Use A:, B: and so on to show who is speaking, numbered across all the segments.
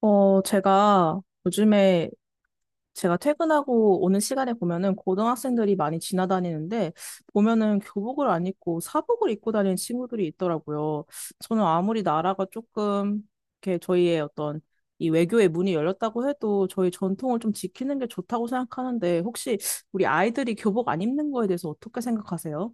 A: 제가 요즘에 제가 퇴근하고 오는 시간에 보면은 고등학생들이 많이 지나다니는데 보면은 교복을 안 입고 사복을 입고 다니는 친구들이 있더라고요. 저는 아무리 나라가 조금 이렇게 저희의 어떤 이 외교의 문이 열렸다고 해도 저희 전통을 좀 지키는 게 좋다고 생각하는데, 혹시 우리 아이들이 교복 안 입는 거에 대해서 어떻게 생각하세요?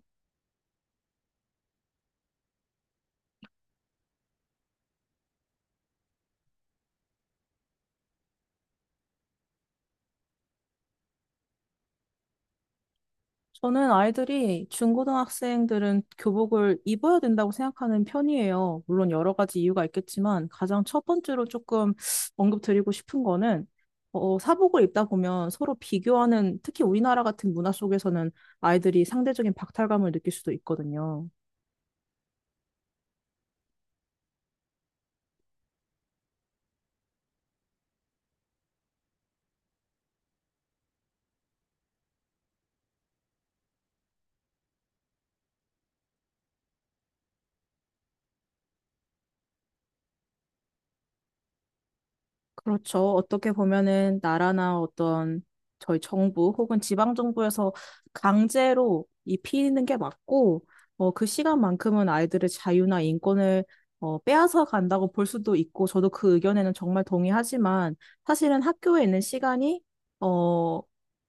A: 저는 아이들이 중고등학생들은 교복을 입어야 된다고 생각하는 편이에요. 물론 여러 가지 이유가 있겠지만, 가장 첫 번째로 조금 언급드리고 싶은 거는 사복을 입다 보면 서로 비교하는, 특히 우리나라 같은 문화 속에서는 아이들이 상대적인 박탈감을 느낄 수도 있거든요. 그렇죠. 어떻게 보면은 나라나 어떤 저희 정부 혹은 지방 정부에서 강제로 입히는 게 맞고, 그 시간만큼은 아이들의 자유나 인권을 빼앗아 간다고 볼 수도 있고, 저도 그 의견에는 정말 동의하지만, 사실은 학교에 있는 시간이, 어,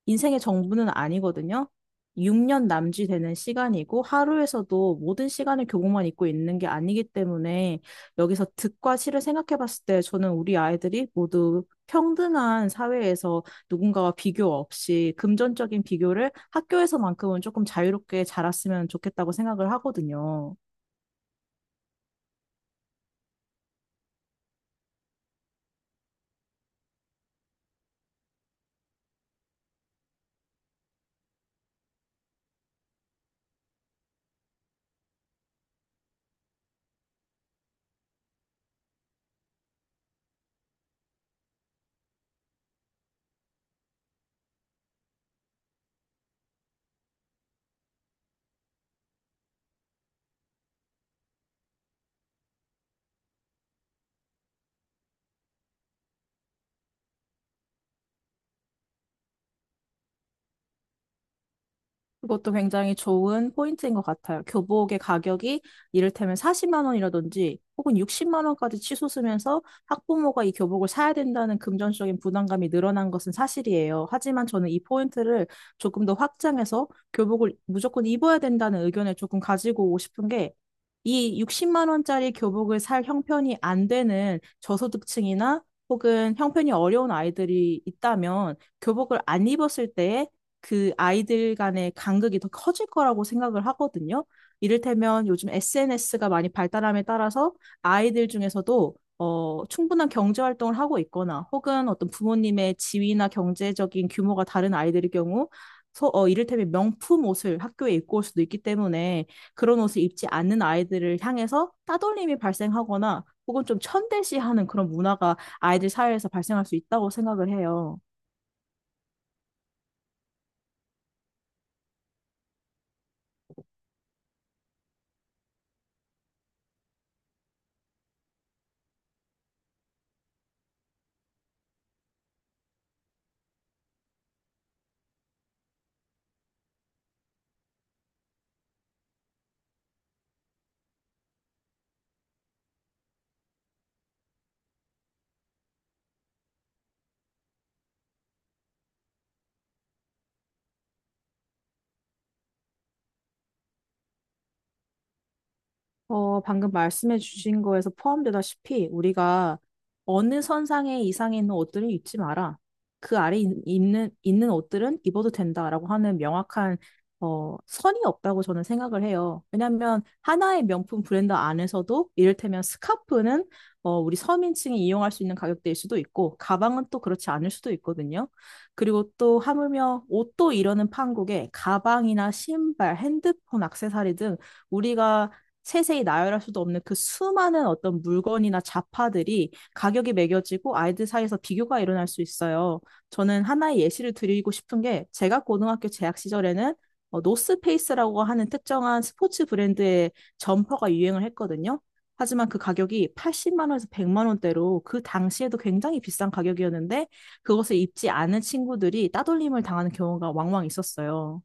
A: 인생의 정부는 아니거든요. 6년 남짓 되는 시간이고, 하루에서도 모든 시간을 교복만 입고 있는 게 아니기 때문에, 여기서 득과 실을 생각해 봤을 때 저는 우리 아이들이 모두 평등한 사회에서 누군가와 비교 없이, 금전적인 비교를 학교에서만큼은 조금 자유롭게 자랐으면 좋겠다고 생각을 하거든요. 그것도 굉장히 좋은 포인트인 것 같아요. 교복의 가격이 이를테면 40만 원이라든지 혹은 60만 원까지 치솟으면서 학부모가 이 교복을 사야 된다는 금전적인 부담감이 늘어난 것은 사실이에요. 하지만 저는 이 포인트를 조금 더 확장해서 교복을 무조건 입어야 된다는 의견을 조금 가지고 오고 싶은 게, 이 60만 원짜리 교복을 살 형편이 안 되는 저소득층이나 혹은 형편이 어려운 아이들이 있다면, 교복을 안 입었을 때에 그 아이들 간의 간극이 더 커질 거라고 생각을 하거든요. 이를테면 요즘 SNS가 많이 발달함에 따라서, 아이들 중에서도 충분한 경제 활동을 하고 있거나 혹은 어떤 부모님의 지위나 경제적인 규모가 다른 아이들의 경우, 이를테면 명품 옷을 학교에 입고 올 수도 있기 때문에, 그런 옷을 입지 않는 아이들을 향해서 따돌림이 발생하거나 혹은 좀 천대시하는 그런 문화가 아이들 사회에서 발생할 수 있다고 생각을 해요. 방금 말씀해 주신 거에서 포함되다시피, 우리가 어느 선상에 이상에 있는 옷들은 입지 마라, 그 아래 있는 옷들은 입어도 된다라고 하는 명확한 선이 없다고 저는 생각을 해요. 왜냐하면 하나의 명품 브랜드 안에서도 이를테면 스카프는 우리 서민층이 이용할 수 있는 가격대일 수도 있고, 가방은 또 그렇지 않을 수도 있거든요. 그리고 또 하물며 옷도 이러는 판국에 가방이나 신발, 핸드폰, 액세서리 등, 우리가 세세히 나열할 수도 없는 그 수많은 어떤 물건이나 자파들이 가격이 매겨지고 아이들 사이에서 비교가 일어날 수 있어요. 저는 하나의 예시를 드리고 싶은 게, 제가 고등학교 재학 시절에는 노스페이스라고 하는 특정한 스포츠 브랜드의 점퍼가 유행을 했거든요. 하지만 그 가격이 80만 원에서 100만 원대로, 그 당시에도 굉장히 비싼 가격이었는데, 그것을 입지 않은 친구들이 따돌림을 당하는 경우가 왕왕 있었어요.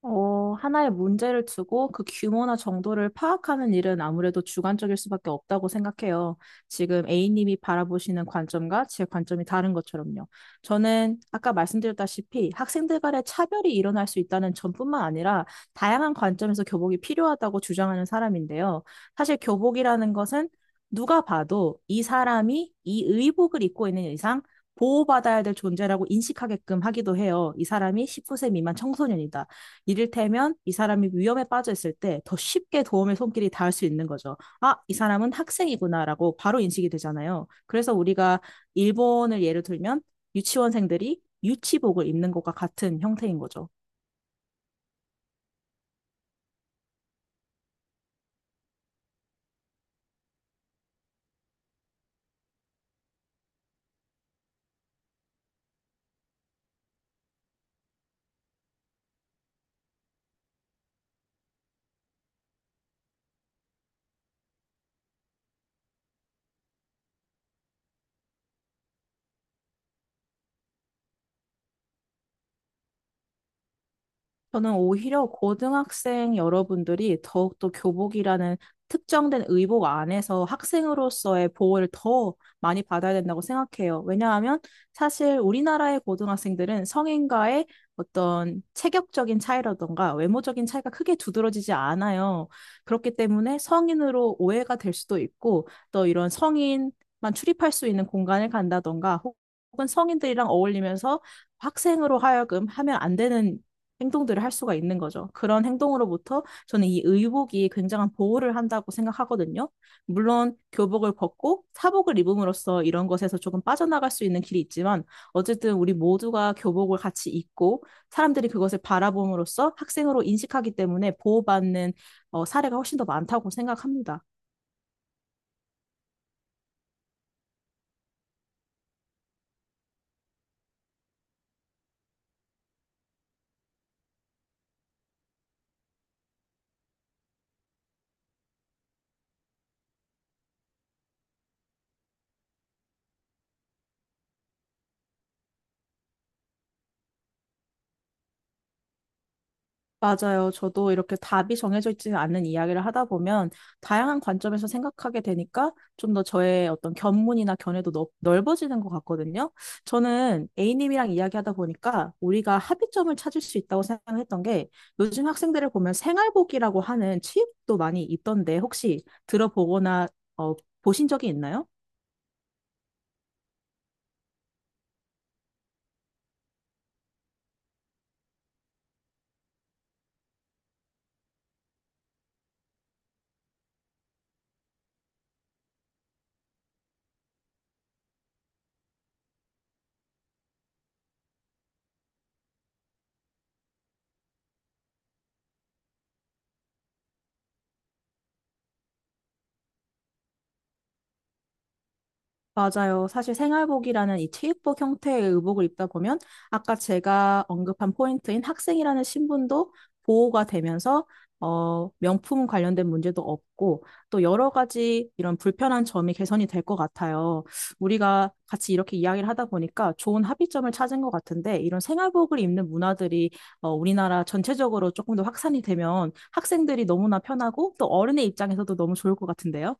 A: 하나의 문제를 두고 그 규모나 정도를 파악하는 일은 아무래도 주관적일 수밖에 없다고 생각해요. 지금 A님이 바라보시는 관점과 제 관점이 다른 것처럼요. 저는 아까 말씀드렸다시피 학생들 간의 차별이 일어날 수 있다는 점뿐만 아니라, 다양한 관점에서 교복이 필요하다고 주장하는 사람인데요. 사실 교복이라는 것은 누가 봐도 이 사람이 이 의복을 입고 있는 이상 보호받아야 될 존재라고 인식하게끔 하기도 해요. 이 사람이 19세 미만 청소년이다. 이를테면 이 사람이 위험에 빠져 있을 때 더 쉽게 도움의 손길이 닿을 수 있는 거죠. 아, 이 사람은 학생이구나라고 바로 인식이 되잖아요. 그래서 우리가, 일본을 예를 들면, 유치원생들이 유치복을 입는 것과 같은 형태인 거죠. 저는 오히려 고등학생 여러분들이 더욱더 교복이라는 특정된 의복 안에서 학생으로서의 보호를 더 많이 받아야 된다고 생각해요. 왜냐하면 사실 우리나라의 고등학생들은 성인과의 어떤 체격적인 차이라던가 외모적인 차이가 크게 두드러지지 않아요. 그렇기 때문에 성인으로 오해가 될 수도 있고, 또 이런 성인만 출입할 수 있는 공간을 간다던가 혹은 성인들이랑 어울리면서 학생으로 하여금 하면 안 되는 행동들을 할 수가 있는 거죠. 그런 행동으로부터 저는 이 의복이 굉장한 보호를 한다고 생각하거든요. 물론 교복을 벗고 사복을 입음으로써 이런 것에서 조금 빠져나갈 수 있는 길이 있지만, 어쨌든 우리 모두가 교복을 같이 입고 사람들이 그것을 바라봄으로써 학생으로 인식하기 때문에 보호받는 사례가 훨씬 더 많다고 생각합니다. 맞아요. 저도 이렇게 답이 정해져 있지 않은 이야기를 하다 보면 다양한 관점에서 생각하게 되니까 좀 더 저의 어떤 견문이나 견해도 넓어지는 것 같거든요. 저는 A님이랑 이야기하다 보니까 우리가 합의점을 찾을 수 있다고 생각했던 게, 요즘 학생들을 보면 생활복이라고 하는 취업도 많이 있던데, 혹시 들어보거나 어, 보신 적이 있나요? 맞아요. 사실 생활복이라는 이 체육복 형태의 의복을 입다 보면, 아까 제가 언급한 포인트인 학생이라는 신분도 보호가 되면서 명품 관련된 문제도 없고, 또 여러 가지 이런 불편한 점이 개선이 될 것 같아요. 우리가 같이 이렇게 이야기를 하다 보니까 좋은 합의점을 찾은 것 같은데, 이런 생활복을 입는 문화들이 우리나라 전체적으로 조금 더 확산이 되면 학생들이 너무나 편하고, 또 어른의 입장에서도 너무 좋을 것 같은데요.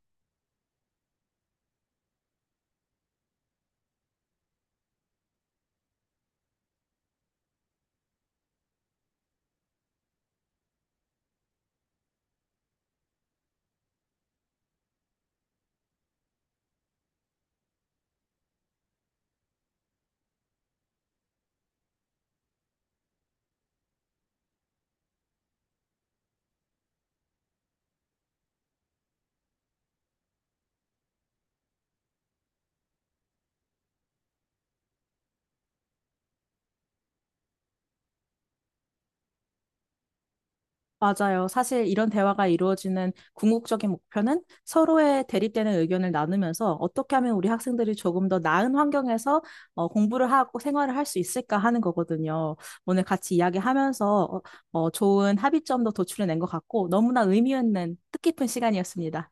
A: 맞아요. 사실 이런 대화가 이루어지는 궁극적인 목표는 서로의 대립되는 의견을 나누면서 어떻게 하면 우리 학생들이 조금 더 나은 환경에서 공부를 하고 생활을 할 수 있을까 하는 거거든요. 오늘 같이 이야기하면서 좋은 합의점도 도출해낸 것 같고, 너무나 의미 있는 뜻깊은 시간이었습니다.